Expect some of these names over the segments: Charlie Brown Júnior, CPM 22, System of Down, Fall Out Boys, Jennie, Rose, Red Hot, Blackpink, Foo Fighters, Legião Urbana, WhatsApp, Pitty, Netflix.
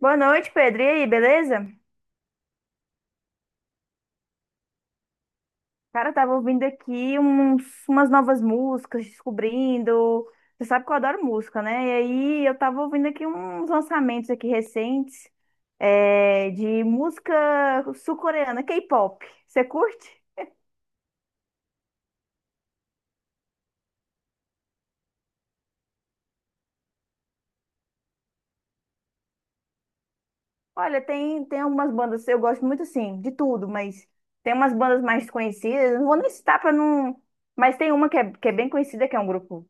Boa noite, Pedro. E aí, beleza? Cara, eu tava ouvindo aqui umas novas músicas, descobrindo. Você sabe que eu adoro música, né? E aí eu tava ouvindo aqui uns lançamentos aqui recentes, de música sul-coreana, K-pop. Você curte? Olha, tem algumas bandas, eu gosto muito assim, de tudo, mas tem umas bandas mais conhecidas, não vou nem citar pra não. Mas tem uma que é bem conhecida, que é um grupo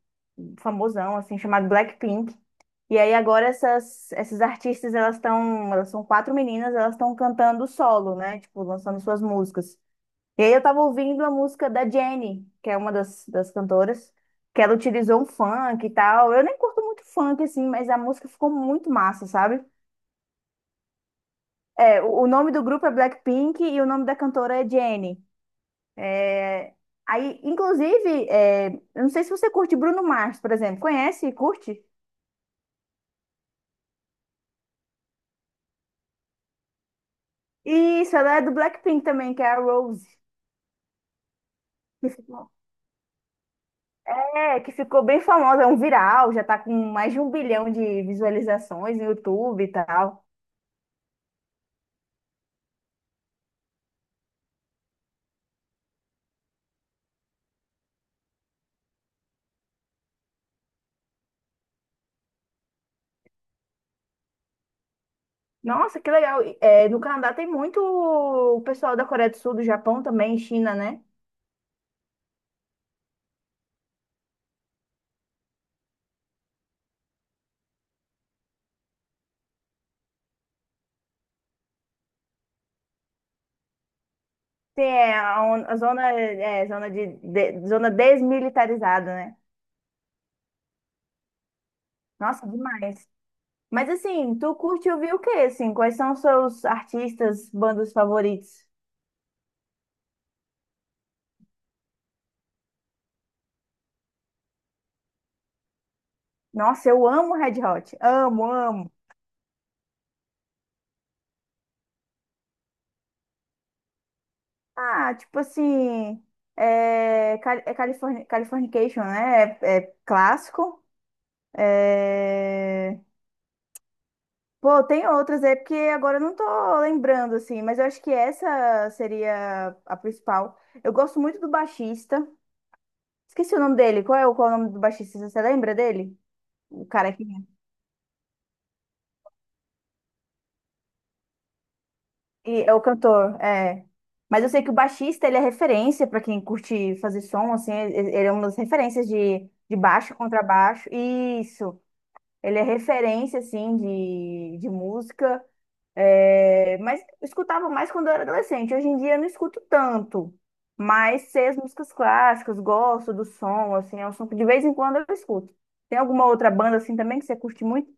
famosão, assim, chamado Blackpink. E aí agora essas artistas, elas são quatro meninas, elas estão cantando solo, né? Tipo, lançando suas músicas. E aí eu tava ouvindo a música da Jennie, que é uma das cantoras, que ela utilizou um funk e tal. Eu nem curto muito funk, assim, mas a música ficou muito massa, sabe? É, o nome do grupo é Blackpink e o nome da cantora é Jennie. É, aí, inclusive, eu não sei se você curte Bruno Mars, por exemplo. Conhece e curte? Isso, ela é do Blackpink também, que é a Rose. Que ficou, que ficou bem famosa, é um viral, já tá com mais de 1 bilhão de visualizações no YouTube e tal. Nossa, que legal. É, no Canadá tem muito o pessoal da Coreia do Sul, do Japão também, China, né? Tem a, a zona, zona, zona desmilitarizada, né? Nossa, demais. Mas assim, tu curte ouvir o quê, assim? Quais são os seus artistas, bandas favoritos? Nossa, eu amo Red Hot. Amo, amo. Ah, tipo assim, Californication, né? É, é clássico. É. Pô, tem outras, é porque agora eu não tô lembrando, assim, mas eu acho que essa seria a principal. Eu gosto muito do baixista. Esqueci o nome dele. Qual é o nome do baixista? Você lembra dele? O cara que. E é o cantor, é. Mas eu sei que o baixista, ele é referência para quem curte fazer som, assim, ele é uma das referências de, baixo, contrabaixo. Isso, ele é referência, assim, de música. É, mas eu escutava mais quando eu era adolescente. Hoje em dia eu não escuto tanto. Mas sei as músicas clássicas, gosto do som, assim, é um som que de vez em quando eu escuto. Tem alguma outra banda, assim, também que você curte muito?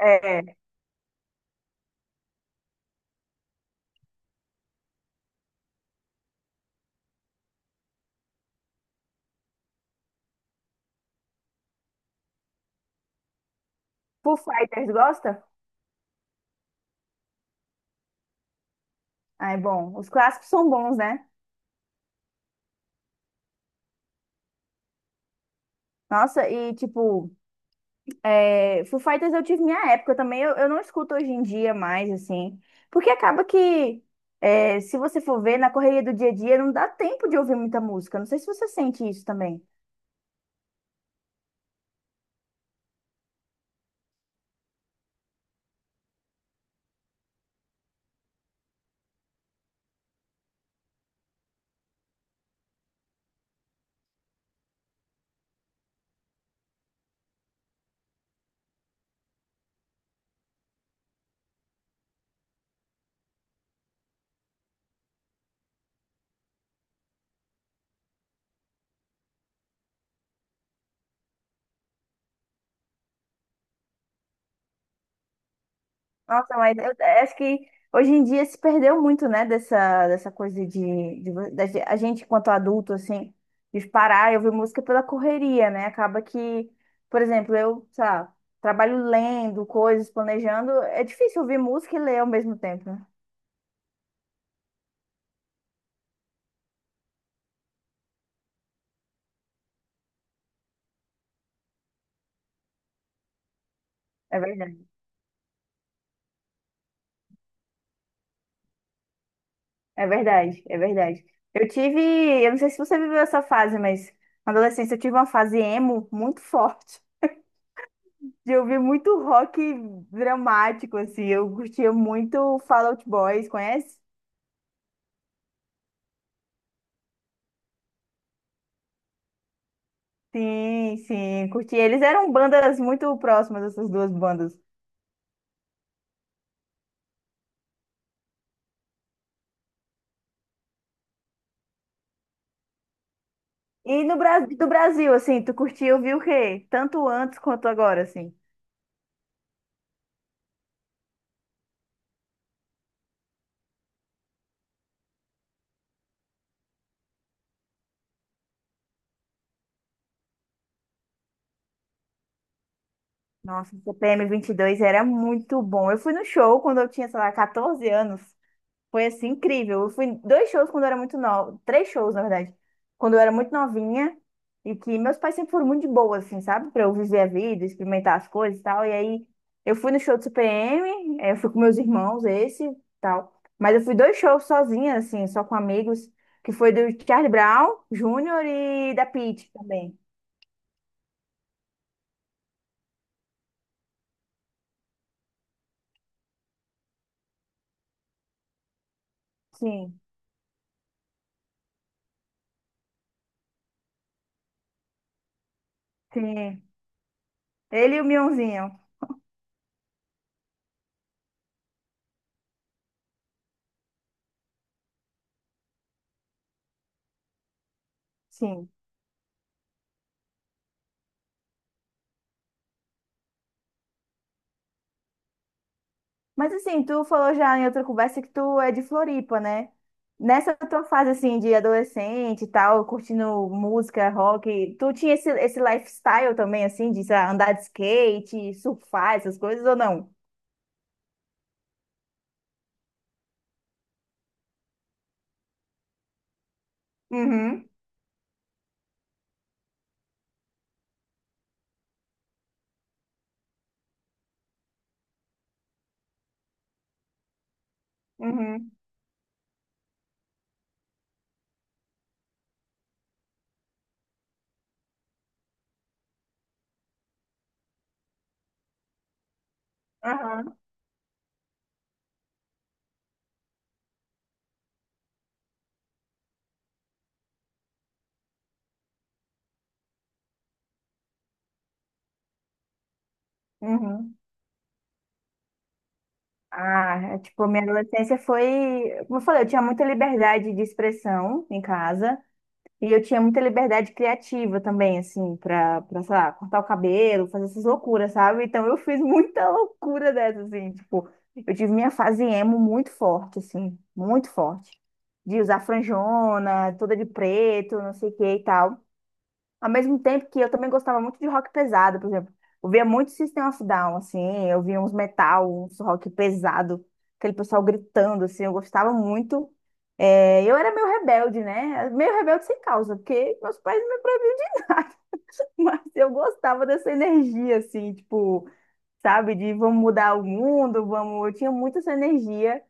É, Foo Fighters, gosta? Ah, é bom. Os clássicos são bons, né? Nossa, e tipo, Foo Fighters eu tive minha época também, eu não escuto hoje em dia mais, assim, porque acaba que, se você for ver, na correria do dia a dia não dá tempo de ouvir muita música, não sei se você sente isso também. Nossa, mas eu acho que hoje em dia se perdeu muito, né, dessa coisa de a gente enquanto adulto, assim, de parar e ouvir música pela correria, né, acaba que, por exemplo, eu, sei lá, trabalho lendo coisas, planejando, é difícil ouvir música e ler ao mesmo tempo, né? É verdade, é verdade, é verdade. Eu tive, eu não sei se você viveu essa fase, mas na adolescência eu tive uma fase emo muito forte. De ouvir muito rock dramático, assim. Eu curtia muito Fall Out Boys, conhece? Sim, sim, curti. Eles eram bandas muito próximas, essas duas bandas. E no do Brasil, assim, tu curtiu, viu o quê? Tanto antes quanto agora, assim. Nossa, o CPM 22 era muito bom. Eu fui no show quando eu tinha, sei lá, 14 anos. Foi assim incrível. Eu fui dois shows quando eu era muito nova, três shows, na verdade, quando eu era muito novinha e que meus pais sempre foram muito de boa, assim, sabe? Pra eu viver a vida, experimentar as coisas e tal. E aí eu fui no show do CPM, eu fui com meus irmãos, esse e tal. Mas eu fui dois shows sozinha, assim, só com amigos, que foi do Charlie Brown Júnior e da Pitty também. Sim, sim. Ele e o Mionzinho. Sim. Mas assim, tu falou já em outra conversa que tu é de Floripa, né? Nessa tua fase assim de adolescente e tal, curtindo música, rock, tu tinha esse lifestyle também assim de sei lá, andar de skate, surfar, essas coisas ou não? Uhum, uhum, aham, uhum. Ah, é, tipo, minha adolescência foi, como eu falei, eu tinha muita liberdade de expressão em casa. E eu tinha muita liberdade criativa também, assim, pra, sei lá, cortar o cabelo, fazer essas loucuras, sabe? Então eu fiz muita loucura dessa, assim, tipo, eu tive minha fase emo muito forte, assim, muito forte. De usar franjona, toda de preto, não sei o que e tal. Ao mesmo tempo que eu também gostava muito de rock pesado, por exemplo. Eu via muito System of Down, assim, eu via uns metal, uns rock pesado, aquele pessoal gritando, assim, eu gostava muito. É, eu era meio rebelde, né? Meio rebelde sem causa, porque meus pais não me proibiam de nada, mas eu gostava dessa energia, assim, tipo, sabe, de vamos mudar o mundo, vamos. Eu tinha muito essa energia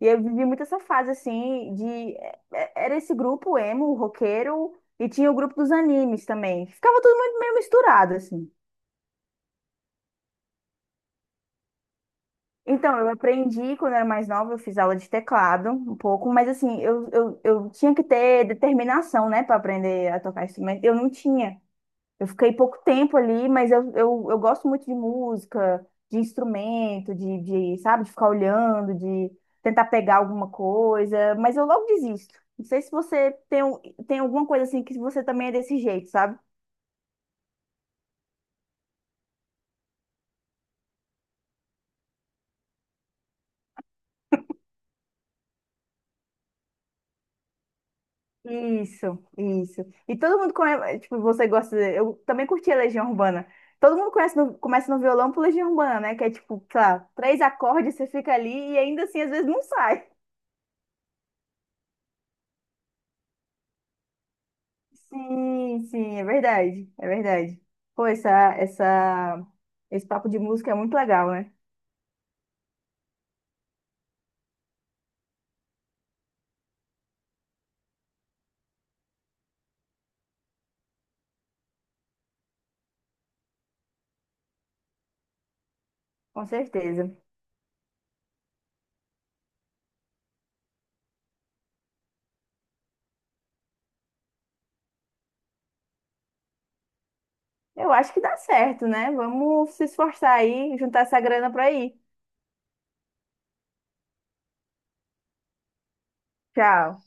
e eu vivi muito essa fase, assim, era esse grupo emo, roqueiro, e tinha o grupo dos animes também. Ficava tudo muito meio misturado, assim. Então, eu aprendi quando eu era mais nova, eu fiz aula de teclado um pouco, mas assim, eu tinha que ter determinação, né, para aprender a tocar instrumento. Eu não tinha. Eu fiquei pouco tempo ali, mas eu gosto muito de música, de instrumento, de, sabe, de ficar olhando, de tentar pegar alguma coisa, mas eu logo desisto. Não sei se você tem, tem alguma coisa assim que você também é desse jeito, sabe? Isso, isso. E todo mundo conhece, tipo, você gosta, eu também curti a Legião Urbana. Todo mundo conhece começa no violão por Legião Urbana, né? Que é tipo, sei lá, três acordes, você fica ali e ainda assim às vezes não sai. Sim, sim, é verdade, é verdade. Pô, essa, esse papo de música é muito legal, né? Com certeza. Eu acho que dá certo, né? Vamos se esforçar aí, juntar essa grana pra ir. Tchau.